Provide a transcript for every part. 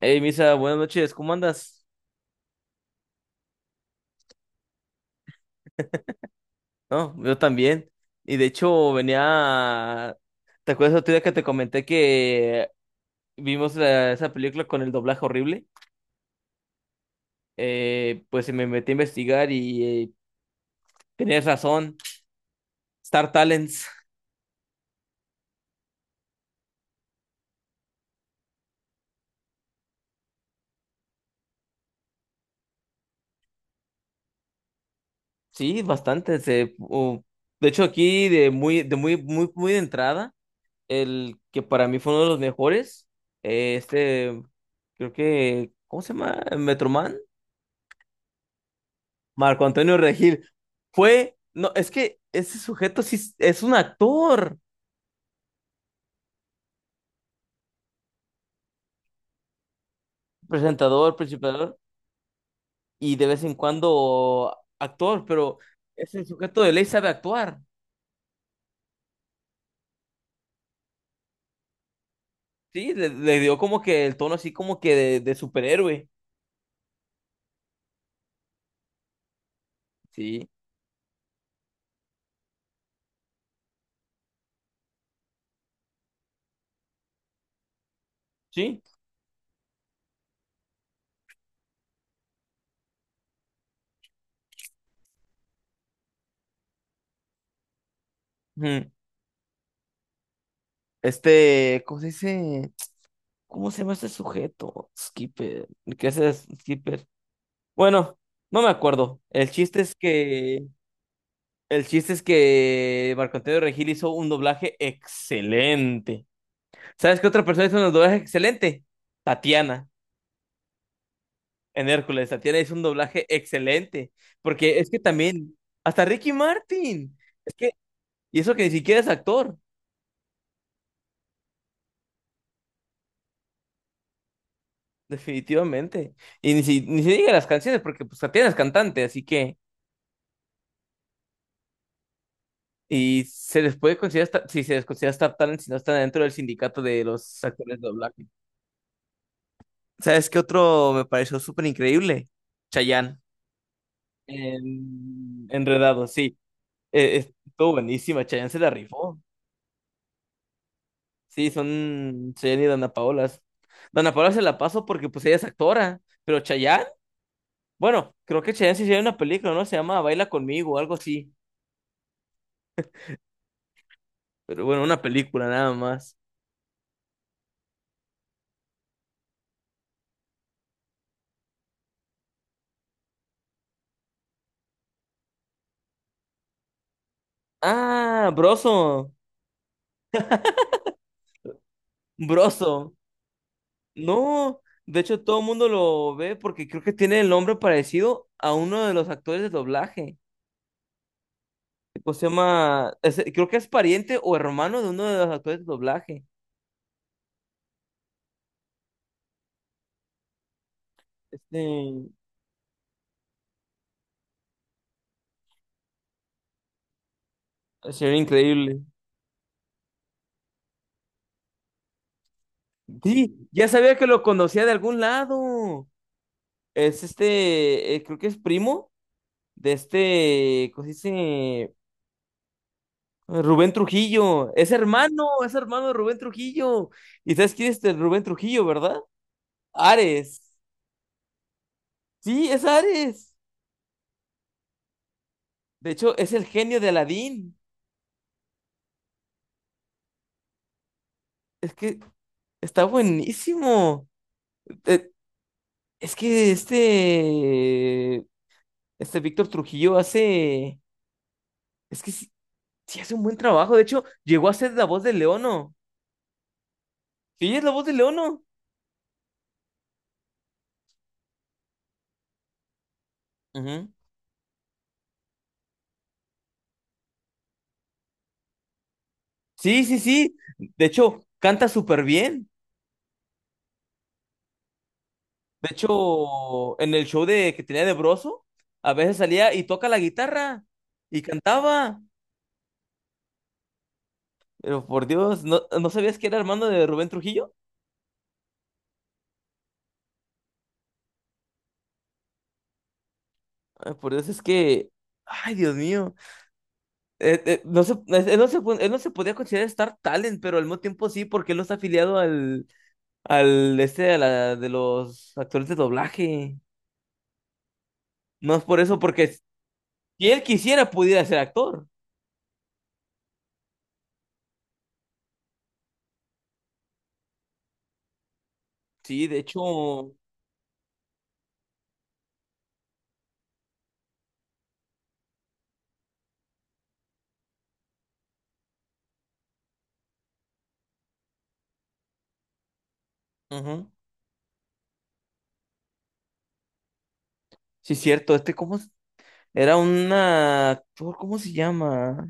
Hey, Misa, buenas noches, ¿cómo andas? No, yo también. Y de hecho, venía. ¿Te acuerdas otro día que te comenté que vimos esa película con el doblaje horrible? Pues me metí a investigar y tenías razón. Star Talents. Sí, bastante. De hecho, aquí de muy, muy de entrada, el que para mí fue uno de los mejores, eh, este, creo que, ¿cómo se llama? Metroman. Marco Antonio Regil fue, no, es que ese sujeto sí es un actor, presentador, principador y de vez en cuando actor, pero ese sujeto de ley sabe actuar, sí, le dio como que el tono así como que de superhéroe, sí, sí. Ujú. Este, ¿cómo se dice? ¿Cómo se llama este sujeto? Skipper, ¿qué es ese Skipper? Bueno, no me acuerdo. El chiste es que Marco Antonio Regil hizo un doblaje excelente. ¿Sabes qué otra persona hizo un doblaje excelente? Tatiana, en Hércules. Tatiana hizo un doblaje excelente. Porque es que también, hasta Ricky Martin. Es que, y eso que ni siquiera es actor, definitivamente. Y ni se diga las canciones, porque pues Tatiana es cantante, así que. Y se les puede considerar, si se les considera Star Talent, si no están dentro del sindicato de los actores de doblaje. ¿Sabes qué otro me pareció súper increíble? Chayanne. Enredado, sí. Estuvo buenísima, Chayanne se la rifó. Sí, son Chayanne y Dana Paola. Dana Paola se la paso porque pues ella es actora, pero Chayanne, bueno, creo que Chayanne sí tiene una película, ¿no? Se llama Baila conmigo, algo así. Pero bueno, una película nada más. Ah, Broso. No, de hecho todo el mundo lo ve porque creo que tiene el nombre parecido a uno de los actores de doblaje. ¿Cómo se llama? Creo que es pariente o hermano de uno de los actores de doblaje. Este, sería increíble. Sí, ya sabía que lo conocía de algún lado. Es este, creo que es primo de este, ¿cómo se dice? Rubén Trujillo. Es hermano de Rubén Trujillo. ¿Y sabes quién es este Rubén Trujillo, verdad? Ares. Sí, es Ares. De hecho, es el genio de Aladín. Es que está buenísimo. Eh, Es que este Víctor Trujillo hace, es que sí, sí hace un buen trabajo. De hecho, llegó a ser la voz de Leono. Sí, es la voz de Leono. Ujú. Sí, sí, sí. De hecho, canta súper bien. De hecho, en el show de que tenía de Broso, a veces salía y toca la guitarra y cantaba. Pero por Dios, ¿no sabías que era hermano de Rubén Trujillo? Ay, Por Dios, es que, ay, Dios mío. No se, no se, él no se podía considerar Star Talent, pero al mismo tiempo sí, porque él no está afiliado al de los actores de doblaje. No es por eso, porque si él quisiera, pudiera ser actor. Sí, de hecho, ujú. Sí, cierto, este, ¿cómo? ¿Es? Era un actor, ¿cómo se llama?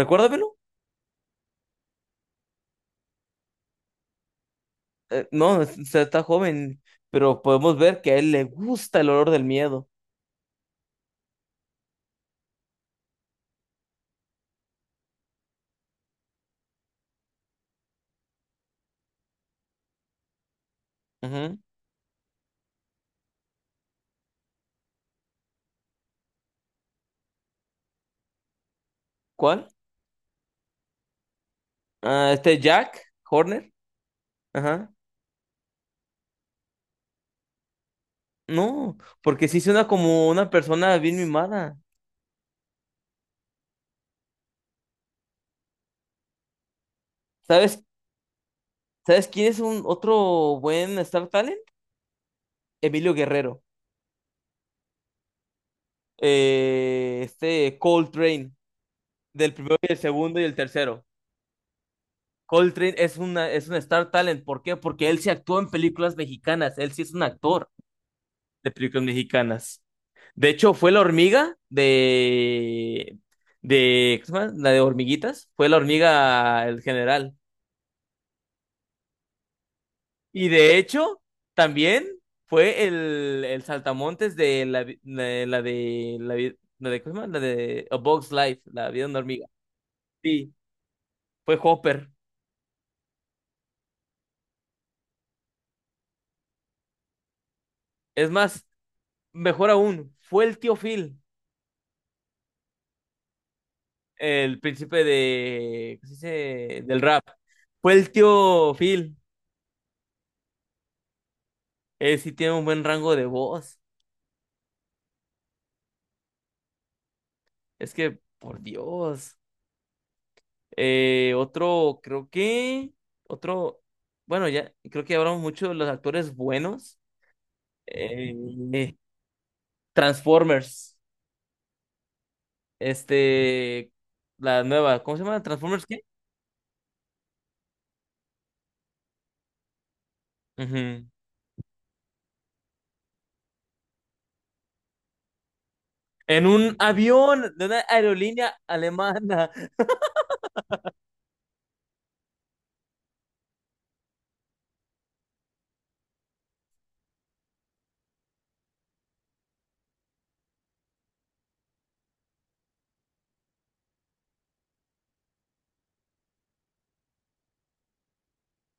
Recuérdamelo. No, es- O sea, está joven, pero podemos ver que a él le gusta el olor del miedo. Ujú. ¿Cuál? Ah, este Jack Horner. Ajá. No, porque sí suena como una persona bien mimada. ¿Sabes? ¿Sabes quién es un otro buen Star Talent? Emilio Guerrero. Este Coltrane, del primero y el segundo y el tercero. Coltrane es un Star Talent. ¿Por qué? Porque él se actuó en películas mexicanas. Él sí es un actor de películas mexicanas. De hecho, fue la hormiga ¿cómo se llama? La de hormiguitas. Fue la hormiga, el general. Y de hecho, también fue el saltamontes de la, vi- la de la, vi- la de, ¿cómo se llama? La de A Bug's Life, la vida de una hormiga. Sí, fue Hopper. Es más, mejor aún, fue el tío Phil, el príncipe de, ¿cómo se dice? Del rap. Fue el tío Phil. Él sí tiene un buen rango de voz. Es que, por Dios. Otro, creo que, otro, bueno, ya, creo que hablamos mucho de los actores buenos. Eh, Transformers. Este, la nueva, ¿cómo se llama? ¿Transformers qué? Ujú. En un avión de una aerolínea alemana.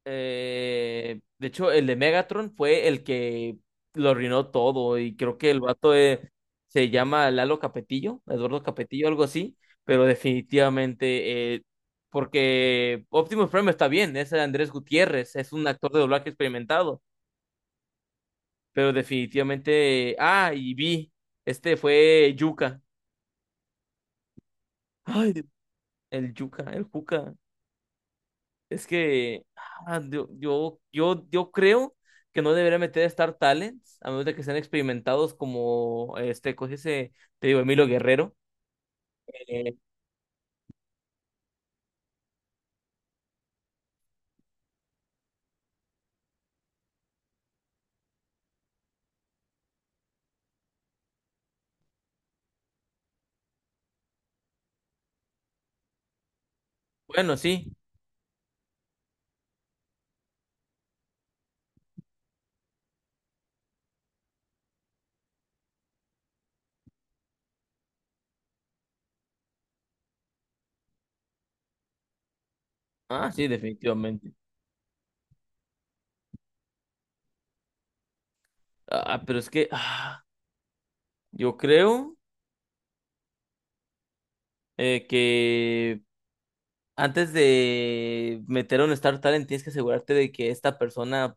De hecho, el de Megatron fue el que lo arruinó todo. Y creo que el vato se llama Lalo Capetillo, Eduardo Capetillo, algo así. Pero definitivamente, porque Optimus Prime está bien, es Andrés Gutiérrez, es un actor de doblaje experimentado. Pero definitivamente. Ah, y vi. Este fue Yuka. Ay, Dios, el Yuka, el Juca. Es que yo creo que no debería meter Star Talents, a menos de que sean experimentados como este, coge ese, te digo, Emilio Guerrero. Eh, bueno, sí. Ah, sí, definitivamente. Ah, pero es que yo creo que antes de meter a un Star Talent tienes que asegurarte de que esta persona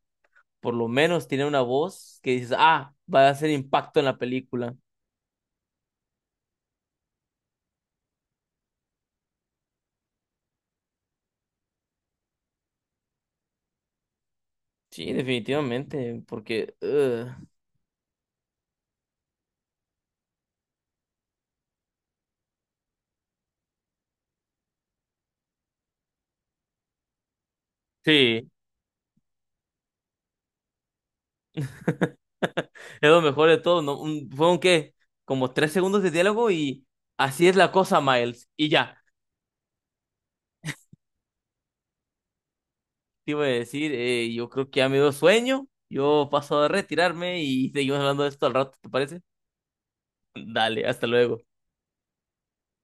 por lo menos tiene una voz que dices, ah, va a hacer impacto en la película. Sí, definitivamente, porque ugh, sí, es lo mejor de todo, ¿no? Fueron qué, como 3 segundos de diálogo y así es la cosa, Miles. Y ya, te iba a decir, yo creo que ya me dio sueño, yo paso a retirarme y seguimos hablando de esto al rato, ¿te parece? Dale, hasta luego.